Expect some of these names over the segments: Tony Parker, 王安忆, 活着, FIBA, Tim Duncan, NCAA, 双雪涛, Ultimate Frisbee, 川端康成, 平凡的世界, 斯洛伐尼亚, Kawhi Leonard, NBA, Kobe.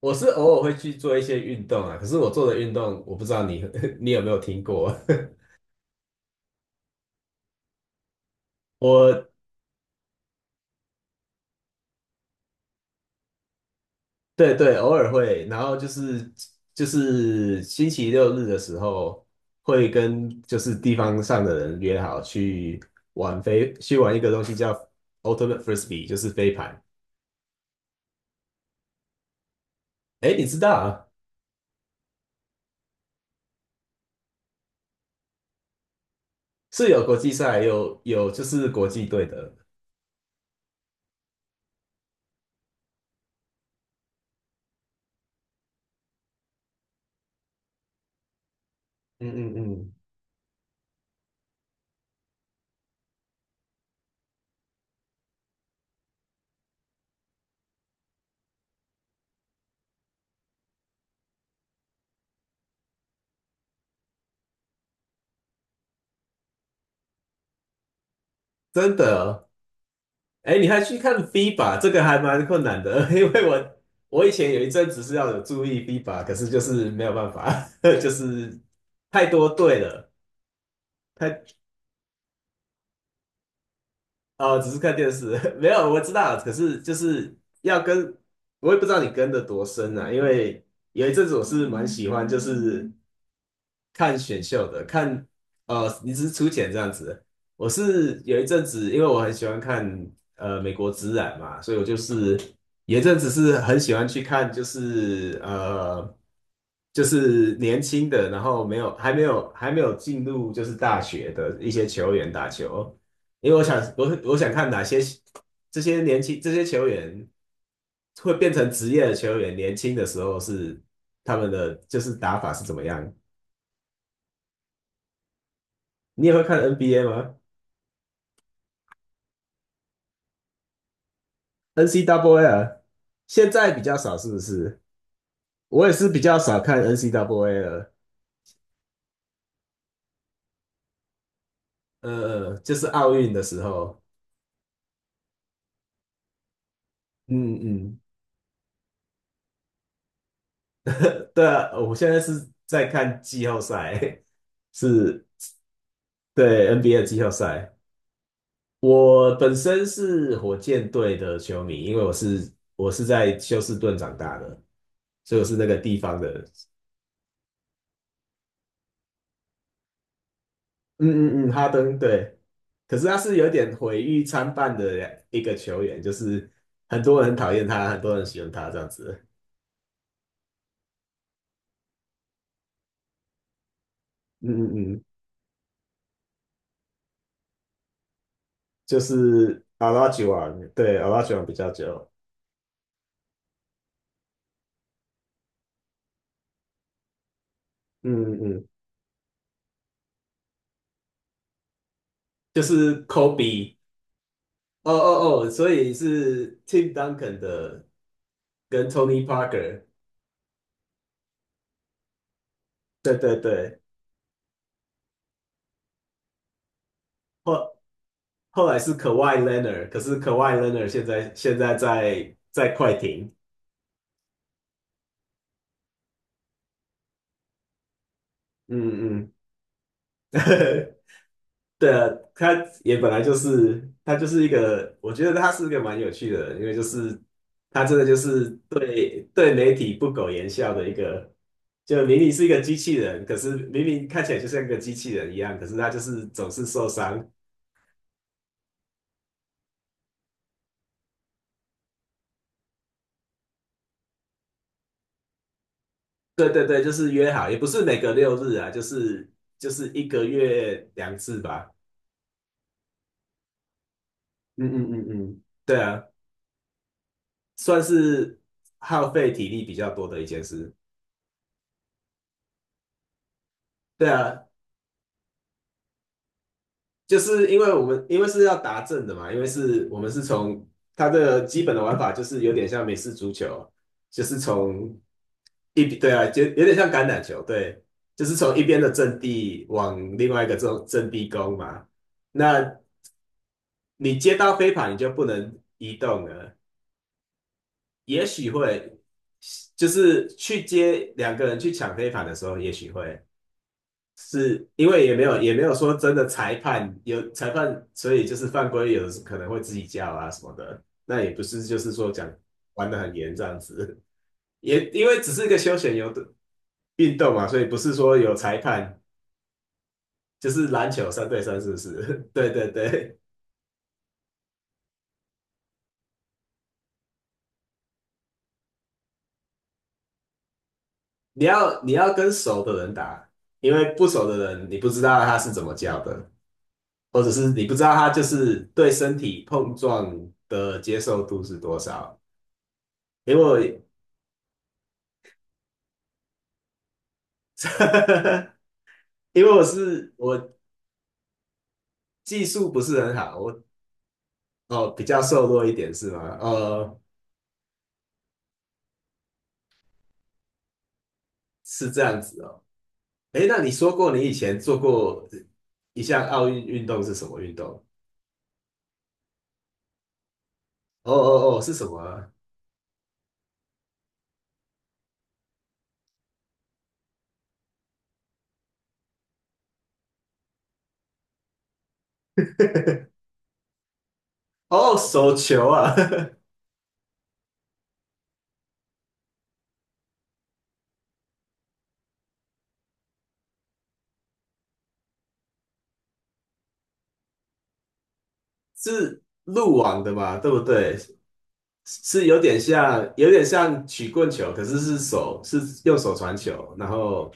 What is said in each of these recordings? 我是偶尔会去做一些运动啊，可是我做的运动，我不知道你 你有没有听过。我对对，偶尔会，然后就是星期六日的时候，会跟就是地方上的人约好去玩飞，去玩一个东西叫 Ultimate Frisbee,就是飞盘。哎，你知道啊，是有国际赛，有就是国际队的。嗯嗯嗯，真的，哎，你还去看 FIBA,这个还蛮困难的，因为我以前有一阵子是要有注意 FIBA,可是就是没有办法，就是太多队了，太哦，只是看电视，没有我知道，可是就是要跟，我也不知道你跟的多深啊，因为有一阵子我是蛮喜欢，就是看选秀的，看呃，你只是出钱这样子。我是有一阵子，因为我很喜欢看美国职篮嘛，所以我就是有一阵子是很喜欢去看，就是就是年轻的，然后没有还没有还没有进入就是大学的一些球员打球，因为我想我想看哪些这些年轻这些球员会变成职业的球员，年轻的时候是他们的就是打法是怎么样。你也会看 NBA 吗？NCAA 啊，现在比较少，是不是？我也是比较少看 NCAA 了。呃呃，就是奥运的时候，嗯嗯，对啊，我现在是在看季后赛，是对 NBA 的季后赛。我本身是火箭队的球迷，因为我在休斯顿长大的，所以我是那个地方的嗯嗯嗯，哈登对，可是他是有点毁誉参半的一个球员，就是很多人很讨厌他，很多人喜欢他这样子。嗯嗯嗯，就是 a 阿拉吉王，对，a 阿拉吉王比较久。嗯嗯嗯，就是 Kobe,哦哦哦，所以是 Tim Duncan 的跟 Tony Parker。对对对，后后来是 Kawhi Leonard,可是 Kawhi Leonard 现在在快艇。嗯嗯。对啊，他也本来就是他就是一个，我觉得他是一个蛮有趣的人，因为就是他真的就是对媒体不苟言笑的一个，就明明是一个机器人，可是明明看起来就像个机器人一样，可是他就是总是受伤。对对对，就是约好，也不是每隔六日啊，就是就是一个月两次吧。嗯嗯嗯嗯，对啊，算是耗费体力比较多的一件事。对啊，就是因为我们因为是要达阵的嘛，因为是我们是从它的基本的玩法就是有点像美式足球，就是从一对啊，就有点像橄榄球，对，就是从一边的阵地往另外一个这种阵地攻嘛。那你接到飞盘，你就不能移动了，也许会就是去接两个人去抢飞盘的时候，也许会，因为也没有说真的裁判有裁判，所以就是犯规，有可能会自己叫啊什么的，那也不是就是说讲玩的很严这样子，也因为只是一个休闲游的运动嘛，所以不是说有裁判，就是篮球三对三是不是？对对对，你要跟熟的人打，因为不熟的人你不知道他是怎么叫的，或者是你不知道他就是对身体碰撞的接受度是多少，因为我。因为我技术不是很好，我哦比较瘦弱一点是吗？呃，是这样子哦。诶，那你说过你以前做过一项奥运运动是什么运动？哦哦哦，是什么啊哦，手球啊，是路网的嘛，对不对？是有点像，有点像曲棍球，可是是手是用手传球，然后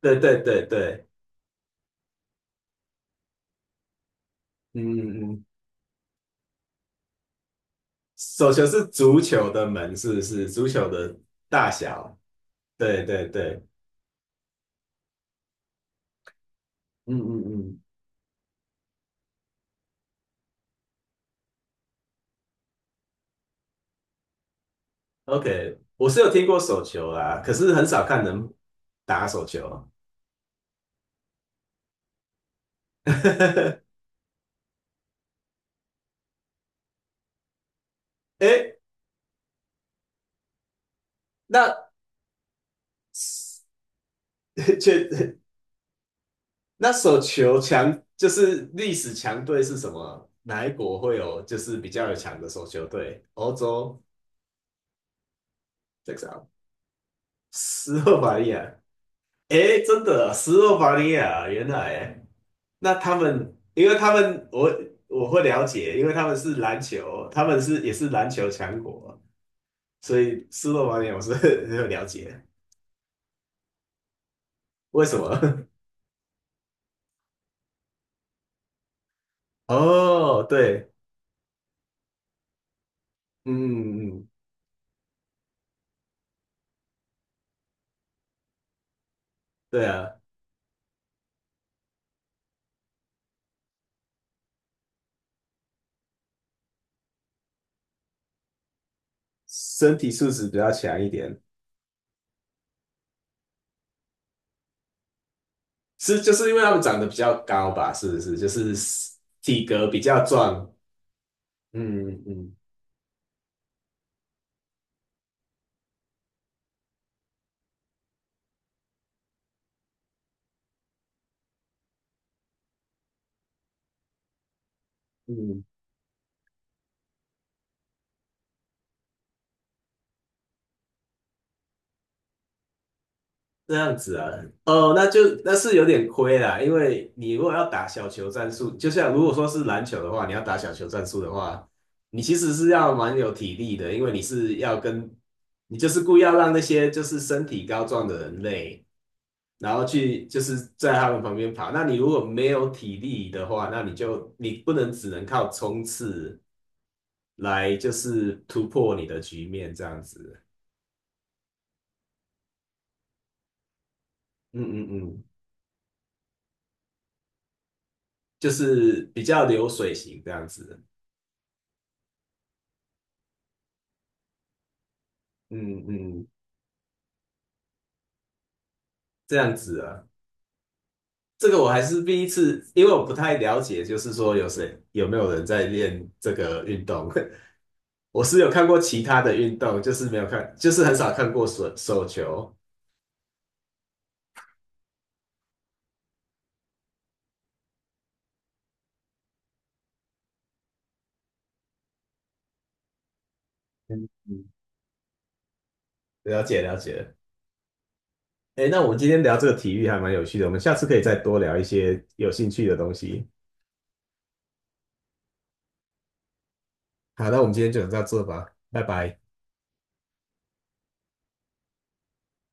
对对对对，嗯嗯，嗯手球是足球的门，是不是？足球的大小。对对对，嗯嗯嗯，OK,我是有听过手球啦，可是很少看人打手球。哎那 确那手球强就是历史强队是什么？哪一国会有就是比较有强的手球队？欧洲这个斯洛伐利亚。哎，真的啊斯洛伐利亚，原来那他们，因为他们我会了解，因为他们是篮球，他们是也是篮球强国。所以斯洛伐尼亚我是 很有了解的为什么？哦，对，嗯嗯嗯，对啊，身体素质比较强一点，是就是因为他们长得比较高吧？是不是？就是体格比较壮。嗯嗯嗯，这样子啊，哦，那就那是有点亏啦，因为你如果要打小球战术，就像如果说是篮球的话，你要打小球战术的话，你其实是要蛮有体力的，因为你是要跟，你就是故意要让那些就是身体高壮的人类，然后去就是在他们旁边跑。那你如果没有体力的话，那你就你不能只能靠冲刺来就是突破你的局面这样子。嗯嗯嗯，就是比较流水型这样子。嗯嗯，这样子啊，这个我还是第一次，因为我不太了解，就是说有谁有没有人在练这个运动。我是有看过其他的运动，就是没有看，就是很少看过手球。嗯嗯，了解了解。哎，那我们今天聊这个体育还蛮有趣的，我们下次可以再多聊一些有兴趣的东西。好，那我们今天就到这吧，拜拜。